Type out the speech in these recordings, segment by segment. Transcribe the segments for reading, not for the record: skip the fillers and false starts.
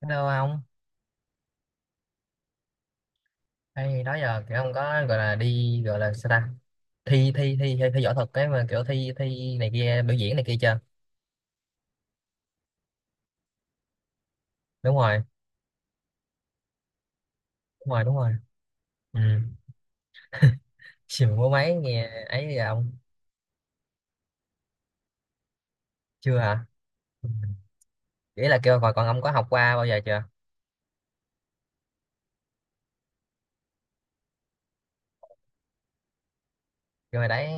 Hello ông, hay đó giờ kiểu không có gọi là đi gọi là sao ta thi thi thi thi, thi võ thuật cái mà kiểu thi thi này kia biểu diễn này kia chưa? Đúng rồi, đúng rồi, đúng rồi. Ừ. Xìm mua máy nghe ấy giờ ông chưa hả? Ừ. Ý là kêu còn còn ông có học qua bao giờ chưa? Kêu hồi đấy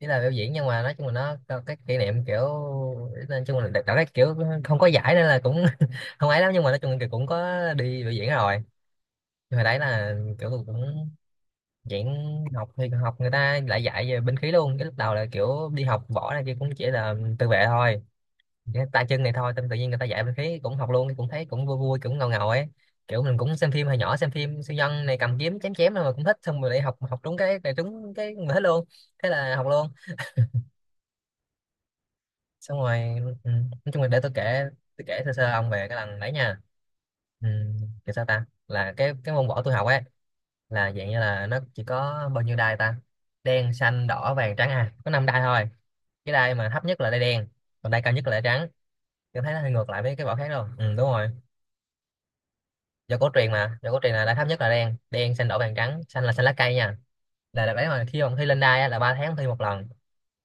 chỉ là biểu diễn nhưng mà nói chung là nó có cái kỷ niệm kiểu nói chung là đặt đặt cái kiểu không có giải nên là cũng không ấy lắm nhưng mà nói chung là cũng có đi biểu diễn rồi. Nhưng hồi đấy là kiểu cũng chuyện học thì học người ta lại dạy về binh khí luôn, cái lúc đầu là kiểu đi học võ này kia cũng chỉ là tự vệ thôi. Chỉ tay chân này thôi, tâm tự nhiên người ta dạy binh khí cũng học luôn, cũng thấy cũng vui vui cũng ngầu ngầu ấy, kiểu mình cũng xem phim hồi nhỏ, xem phim siêu nhân này cầm kiếm chém chém thôi mà cũng thích, xong rồi lại học học đúng cái đúng cái mình thích luôn, thế là học luôn. Xong rồi nói chung là để tôi kể, tôi kể sơ sơ ông về cái lần đấy nha. Ừ. Kiểu sao ta, là cái môn võ tôi học ấy, là dạng như là nó chỉ có bao nhiêu đai ta, đen xanh đỏ vàng trắng, à có năm đai thôi. Cái đai mà thấp nhất là đai đen, còn đai cao nhất là đai trắng. Tôi thấy nó hơi ngược lại với cái vỏ khác đâu, ừ, đúng rồi, do cổ truyền mà, do cổ truyền là đai thấp nhất là đen, đen xanh đỏ vàng trắng, xanh là xanh lá cây nha. Là đấy, mà khi ông thi lên đai á, là ba tháng thi một lần,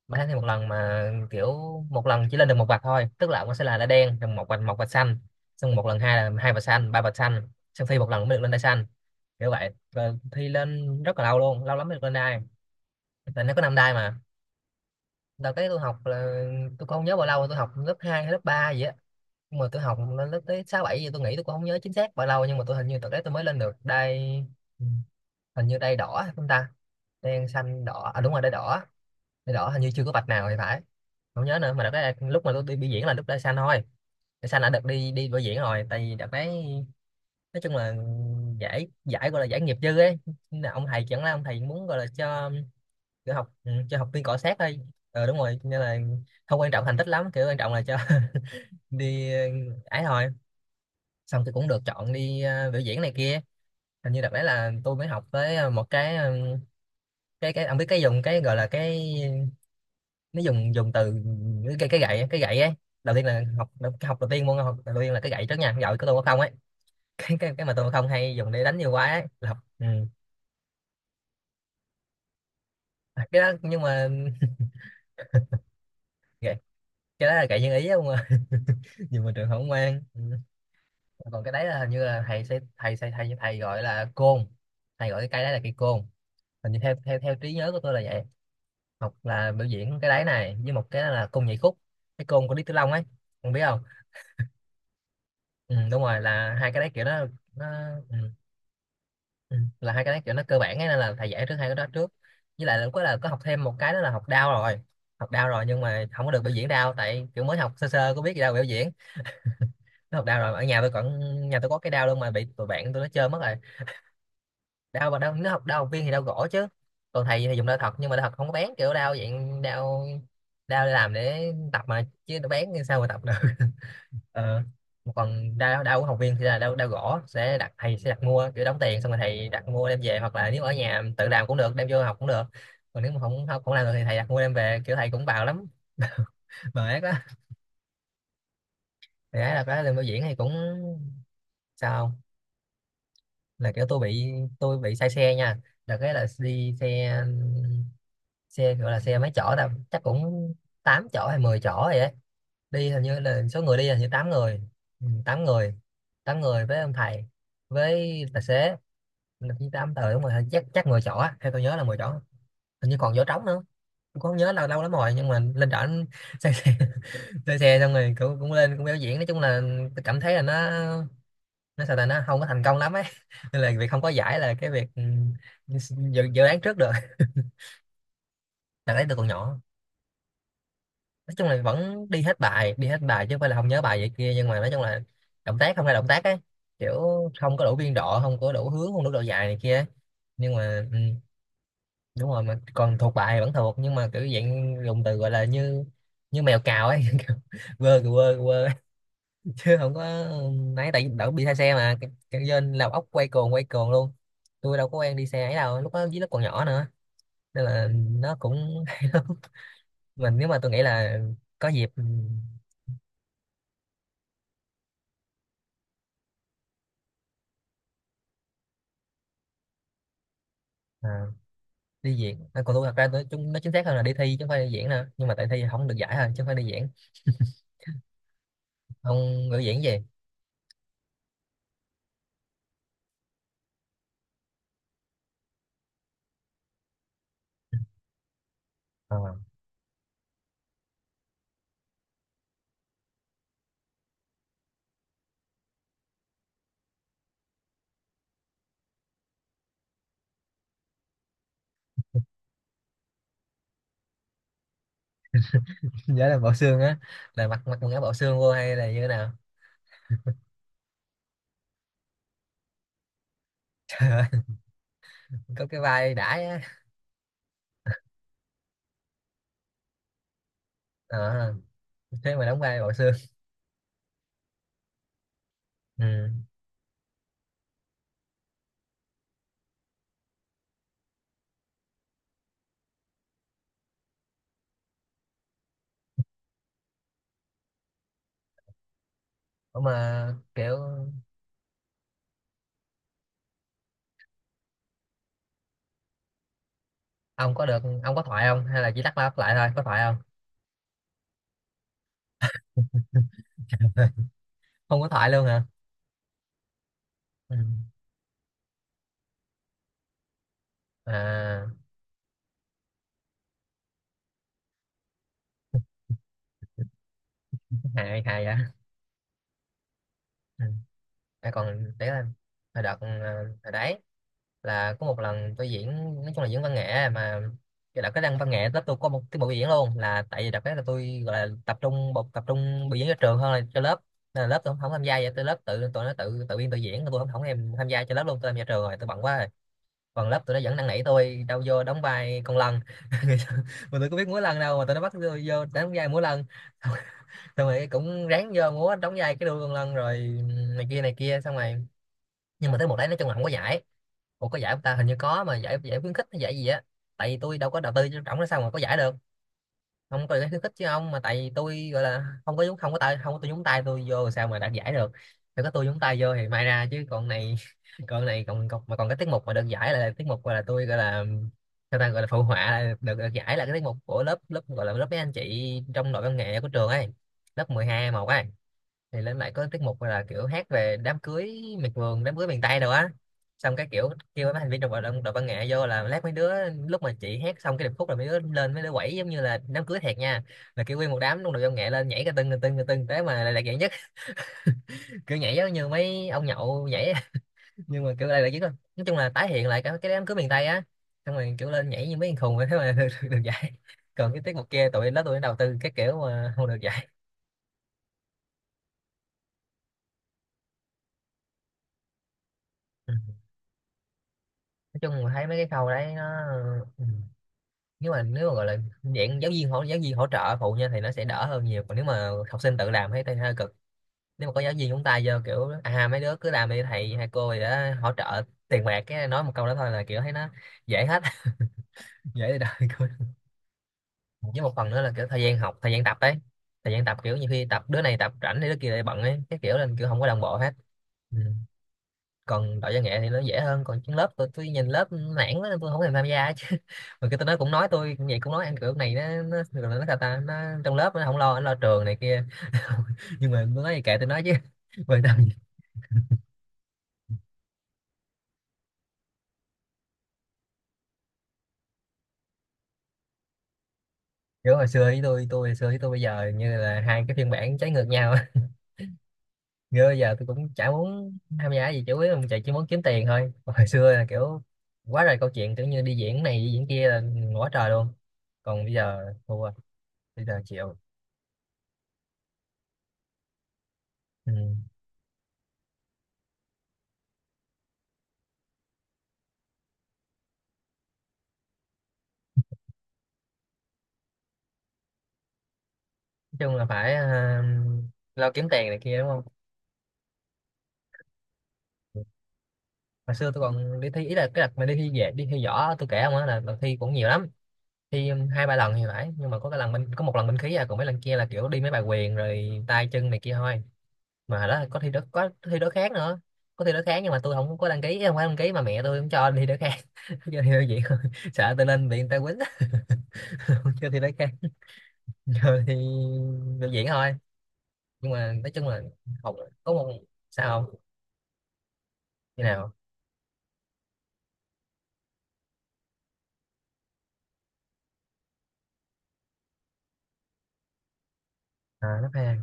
ba tháng thi một lần mà kiểu một lần chỉ lên được một vạch thôi, tức là ông sẽ là đai đen rồi một vạch, một vạch xanh, xong một lần hai là hai vạch xanh, ba vạch xanh, xong thi một lần mới được lên đai xanh, kiểu vậy. Rồi thi lên rất là lâu luôn, lâu lắm mới được lên đai, tại nó có năm đai mà. Đợt cái tôi học là tôi cũng không nhớ bao lâu, tôi học lớp 2 hay lớp 3 gì á, nhưng mà tôi học lên lớp tới 6 7 gì, tôi nghĩ tôi cũng không nhớ chính xác bao lâu, nhưng mà tôi hình như đợt đấy tôi mới lên được đai. Ừ, hình như đai đỏ chúng ta, đen xanh đỏ, à đúng rồi đai đỏ, đai đỏ hình như chưa có vạch nào thì phải, không nhớ nữa. Mà đợt đấy lúc mà tôi đi biểu diễn là lúc đai xanh thôi, đai xanh đã được đi đi biểu diễn rồi, tại vì đợt đấy nói chung là giải, giải gọi là giải nghiệp dư ấy. Nên là ông thầy chẳng là ông thầy muốn gọi là cho kiểu học, ừ, cho học viên cọ sát thôi. Ờ đúng rồi, nên là không quan trọng thành tích lắm, kiểu quan trọng là cho đi, ờ, ấy thôi. Xong thì cũng được chọn đi, ờ, biểu diễn này kia. Hình như đợt đấy là tôi mới học tới một cái, cái ông biết cái dùng cái gọi là cái, nó dùng dùng từ cái gậy, cái gậy ấy. Đầu tiên là học, học đầu tiên môn học đầu tiên là cái gậy trước nha, cái gậy của tôi có không ấy. Cái cái mà tôi không hay dùng để đánh nhiều quá ấy, là học. Ừ. À, cái đó nhưng mà gậy- cái đó là gậy nhân ý không à. Nhưng mà trường không ngoan. Ừ. Còn cái đấy là hình như là thầy sẽ thầy sẽ thầy thầy gọi là côn, thầy gọi cái cây đấy là cây côn. Hình như theo theo theo trí nhớ của tôi là vậy. Học là biểu diễn cái đấy này với một cái là côn nhảy khúc, cái côn của Lý Tử Long ấy, không biết không. Ừ, đúng rồi, là hai cái đấy kiểu nó, nó ừ, ừ, là hai cái đấy kiểu nó cơ bản ấy, nên là thầy dạy trước hai cái đó trước. Với lại là lúc đó là có học thêm một cái đó là học đao rồi, học đao rồi nhưng mà không có được biểu diễn đao, tại kiểu mới học sơ sơ có biết gì đâu biểu diễn. Nó học đao rồi ở nhà tôi còn, nhà tôi có cái đao luôn mà bị tụi bạn tôi nó chơi mất rồi. Đau mà đau nếu học đau học viên thì đau gỗ chứ, còn thầy thì dùng đau thật, nhưng mà đau thật không có bén, kiểu đau dạng đau, đau để làm để tập mà, chứ đau bén thì sao mà tập được. Ờ. Còn đau đau của học viên thì là đau đau gỗ, sẽ đặt, thầy sẽ đặt mua, kiểu đóng tiền xong rồi thầy đặt mua đem về, hoặc là nếu ở nhà tự làm cũng được đem vô học cũng được. Còn nếu mà không không, không làm được thì thầy đặt mua đem về, kiểu thầy cũng bào lắm. Bờ ác đó. Thầy ấy là cái lên biểu diễn thì cũng sao không? Là kiểu tôi bị say xe nha. Là cái là đi xe, xe gọi là xe mấy chỗ ta, chắc cũng 8 chỗ hay 10 chỗ vậy á. Đi hình như là số người đi là như 8 người, ừ, 8 người, 8 người với ông thầy, với tài xế là chỉ 8 tờ, đúng rồi chắc, chắc 10 chỗ á, theo tôi nhớ là mười chỗ, hình như còn chỗ trống nữa, tôi cũng không nhớ, lâu lâu lắm rồi. Nhưng mà lên trển xe xe, xe xong rồi cũng, cũng lên cũng biểu diễn. Nói chung là tôi cảm thấy là nó sao ta, nó không có thành công lắm ấy. Nên là việc không có giải là cái việc, ừ, dự đoán trước được. Là đấy, tôi còn nhỏ, nói chung là vẫn đi hết bài, đi hết bài chứ không phải là không nhớ bài vậy kia, nhưng mà nói chung là động tác không ra động tác ấy, kiểu không có đủ biên độ, không có đủ hướng, không đủ độ dài này kia ấy. Nhưng mà ừ, đúng rồi, mà còn thuộc bài vẫn thuộc, nhưng mà kiểu dạng dùng từ gọi là như, như mèo cào ấy. Kiểu quơ kìa, quơ kìa, quơ ấy. Chứ không có nãy, tại vì đỡ bị say xe mà, cái dân làm ốc quay cuồng luôn, tôi đâu có quen đi xe ấy đâu, lúc đó dưới lớp còn nhỏ nữa, nên là nó cũng hay lắm. Mình nếu mà tôi nghĩ là có dịp, ừ, à, đi diễn à, còn tôi thật ra tôi, chúng nó chính xác hơn là đi thi chứ không phải đi diễn nữa, nhưng mà tại thi không được giải thôi chứ không phải đi diễn ông, ngữ diễn gì. Ờ. Nhớ là bộ xương á, là mặc mặc quần áo bộ xương vô hay là như thế nào. Trời ơi, có cái vai đãi á. Ờ, thế mà đóng vai bộ xương. Ừ. Ủa mà kiểu ông có được, ông có thoại không hay là chỉ lắc qua lắc lại thôi, có thoại không? Không có thoại luôn hả? Ừ. À hài hài vậy. Ừ. À, còn để là hồi đợt hồi đấy là có một lần tôi diễn, nói chung là diễn văn nghệ mà. Cái đợt cái đăng văn nghệ lớp tôi có một tiết mục biểu diễn luôn, là tại vì đợt cái là tôi gọi là tập trung tập trung biểu diễn cho trường hơn là cho lớp, nên là lớp tôi không tham gia. Vậy tôi lớp tự tụi nó tự tự biên tự diễn, tôi không không em tham gia cho lớp luôn, tôi tham gia trường rồi tôi bận quá rồi. Còn lớp tụi nó vẫn năn nỉ tôi đâu vô đóng vai con lân. Mà tôi có biết múa lân đâu mà tụi nó bắt tôi vô đóng vai múa lân. Xong rồi cũng ráng vô múa đóng vai cái đuôi con lân rồi này kia này kia, xong rồi nhưng mà tới một đấy nói chung là không có giải. Ủa có giải không ta, hình như có mà giải, giải khuyến khích hay giải gì á, tại vì tôi đâu có đầu tư cho trọng nó sao mà có giải được. Không, có giải khuyến khích chứ ông, mà tại vì tôi gọi là không có nhúng, không có tay, không có tôi nhúng tay tôi vô sao mà đạt giải được. Nếu có tôi nhúng tay vô thì may ra, chứ còn này còn này, còn cái tiết mục mà được giải là tiết mục gọi là tôi gọi là, sao ta, gọi là phụ họa là được giải, là cái tiết mục của lớp, lớp gọi là lớp mấy anh chị trong đội văn nghệ của trường ấy, lớp 12 một ấy. Thì lên lại có tiết mục là kiểu hát về đám cưới miệt vườn, đám cưới miền Tây rồi á. Xong cái kiểu kêu mấy thành viên trong đội văn nghệ vô, là lát mấy đứa lúc mà chị hát xong cái điệp khúc là mấy đứa lên, mấy đứa quẩy giống như là đám cưới thiệt nha, là kêu nguyên một đám trong đội văn nghệ lên nhảy cái tưng cái tưng cái tưng tới mà lại lạc dạng nhất. Kiểu nhảy giống như mấy ông nhậu nhảy. Nhưng mà kiểu lại là nhất thôi. Nói chung là tái hiện lại cái đám cưới miền Tây á, xong rồi kiểu lên nhảy như mấy thằng khùng vậy, thế mà được giải. Còn cái tiết mục kia tụi nó đầu tư cái kiểu mà không được giải. Ừ. Nói chung là thấy mấy cái khâu đấy nó, ừ, nếu mà gọi là dạng giáo viên hỗ trợ phụ nha thì nó sẽ đỡ hơn nhiều, còn nếu mà học sinh tự làm thấy thấy hơi cực. Nếu mà có giáo viên chúng ta vô kiểu à mấy đứa cứ làm đi, thầy hay cô gì đó hỗ trợ tiền bạc, cái nói một câu đó thôi là kiểu thấy nó dễ hết. Dễ đời, cười. Với một phần nữa là kiểu thời gian học, thời gian tập ấy, thời gian tập kiểu nhiều khi tập đứa này tập rảnh thì đứa kia lại bận ấy, cái kiểu là kiểu không có đồng bộ hết. Ừ. Còn đội văn nghệ thì nó dễ hơn, còn trên lớp tôi nhìn lớp nản quá nên tôi không thèm tham gia chứ. Mà cái tôi nói cũng nói, tôi cũng vậy cũng nói ăn kiểu này nó rồi nó sao ta nó, trong lớp nó không lo nó lo trường này kia. Nhưng mà tôi nói thì kệ tôi nói chứ. Quan tâm gì. Kiểu hồi xưa với tôi hồi xưa với tôi bây giờ như là hai cái phiên bản trái ngược nhau. Như bây giờ tôi cũng chả muốn tham gia gì, chủ yếu là chạy chỉ muốn kiếm tiền thôi. Còn hồi xưa là kiểu quá trời câu chuyện, kiểu như đi diễn này đi diễn kia là quá trời luôn. Còn bây giờ thua, bây giờ chịu. Ừ, chung là phải, à, lo kiếm tiền này kia đúng không. Hồi xưa tôi còn đi thi, ý là cái đợt mà đi thi về đi thi võ tôi kể không á, là thi cũng nhiều lắm, thi hai ba lần thì phải, nhưng mà có cái lần bên, có một lần bên khí à, còn mấy lần kia là kiểu đi mấy bài quyền rồi tay chân này kia thôi. Mà hồi đó có thi đối kháng nữa. Có thi đối kháng nhưng mà tôi không có đăng ký, không phải đăng ký mà mẹ tôi cũng cho đi đối kháng, cho thi đối diện thôi, sợ tôi lên bị người ta quýnh, không cho thi đối kháng, rồi thì biểu diễn thôi. Nhưng mà nói chung là học có một, sao không, như nào. À, lớp hai.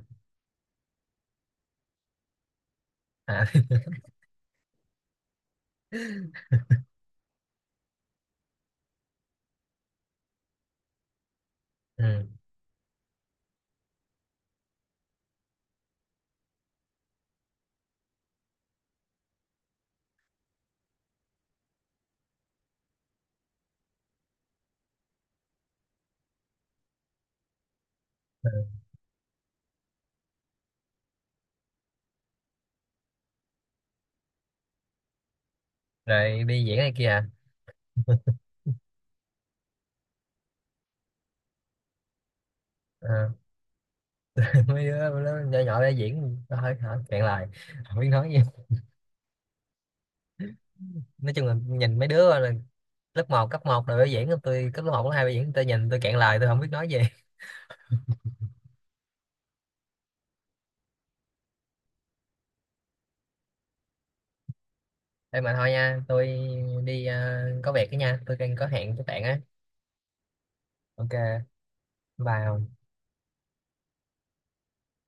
À. Ừ. Ừ, rồi đi diễn này kia à. Ờ, mấy đứa nó nhỏ nhỏ để diễn nó hơi hả cạn lời, không biết nói gì. Nói chung là nhìn mấy đứa là lớp một cấp một rồi biểu diễn, tôi cấp lớp 1, lớp 2 biểu diễn tôi nhìn tôi cạn lời, tôi không biết nói gì. Ê mà thôi nha, tôi đi có việc đó nha, tôi đang có hẹn với bạn á. Ok, bye.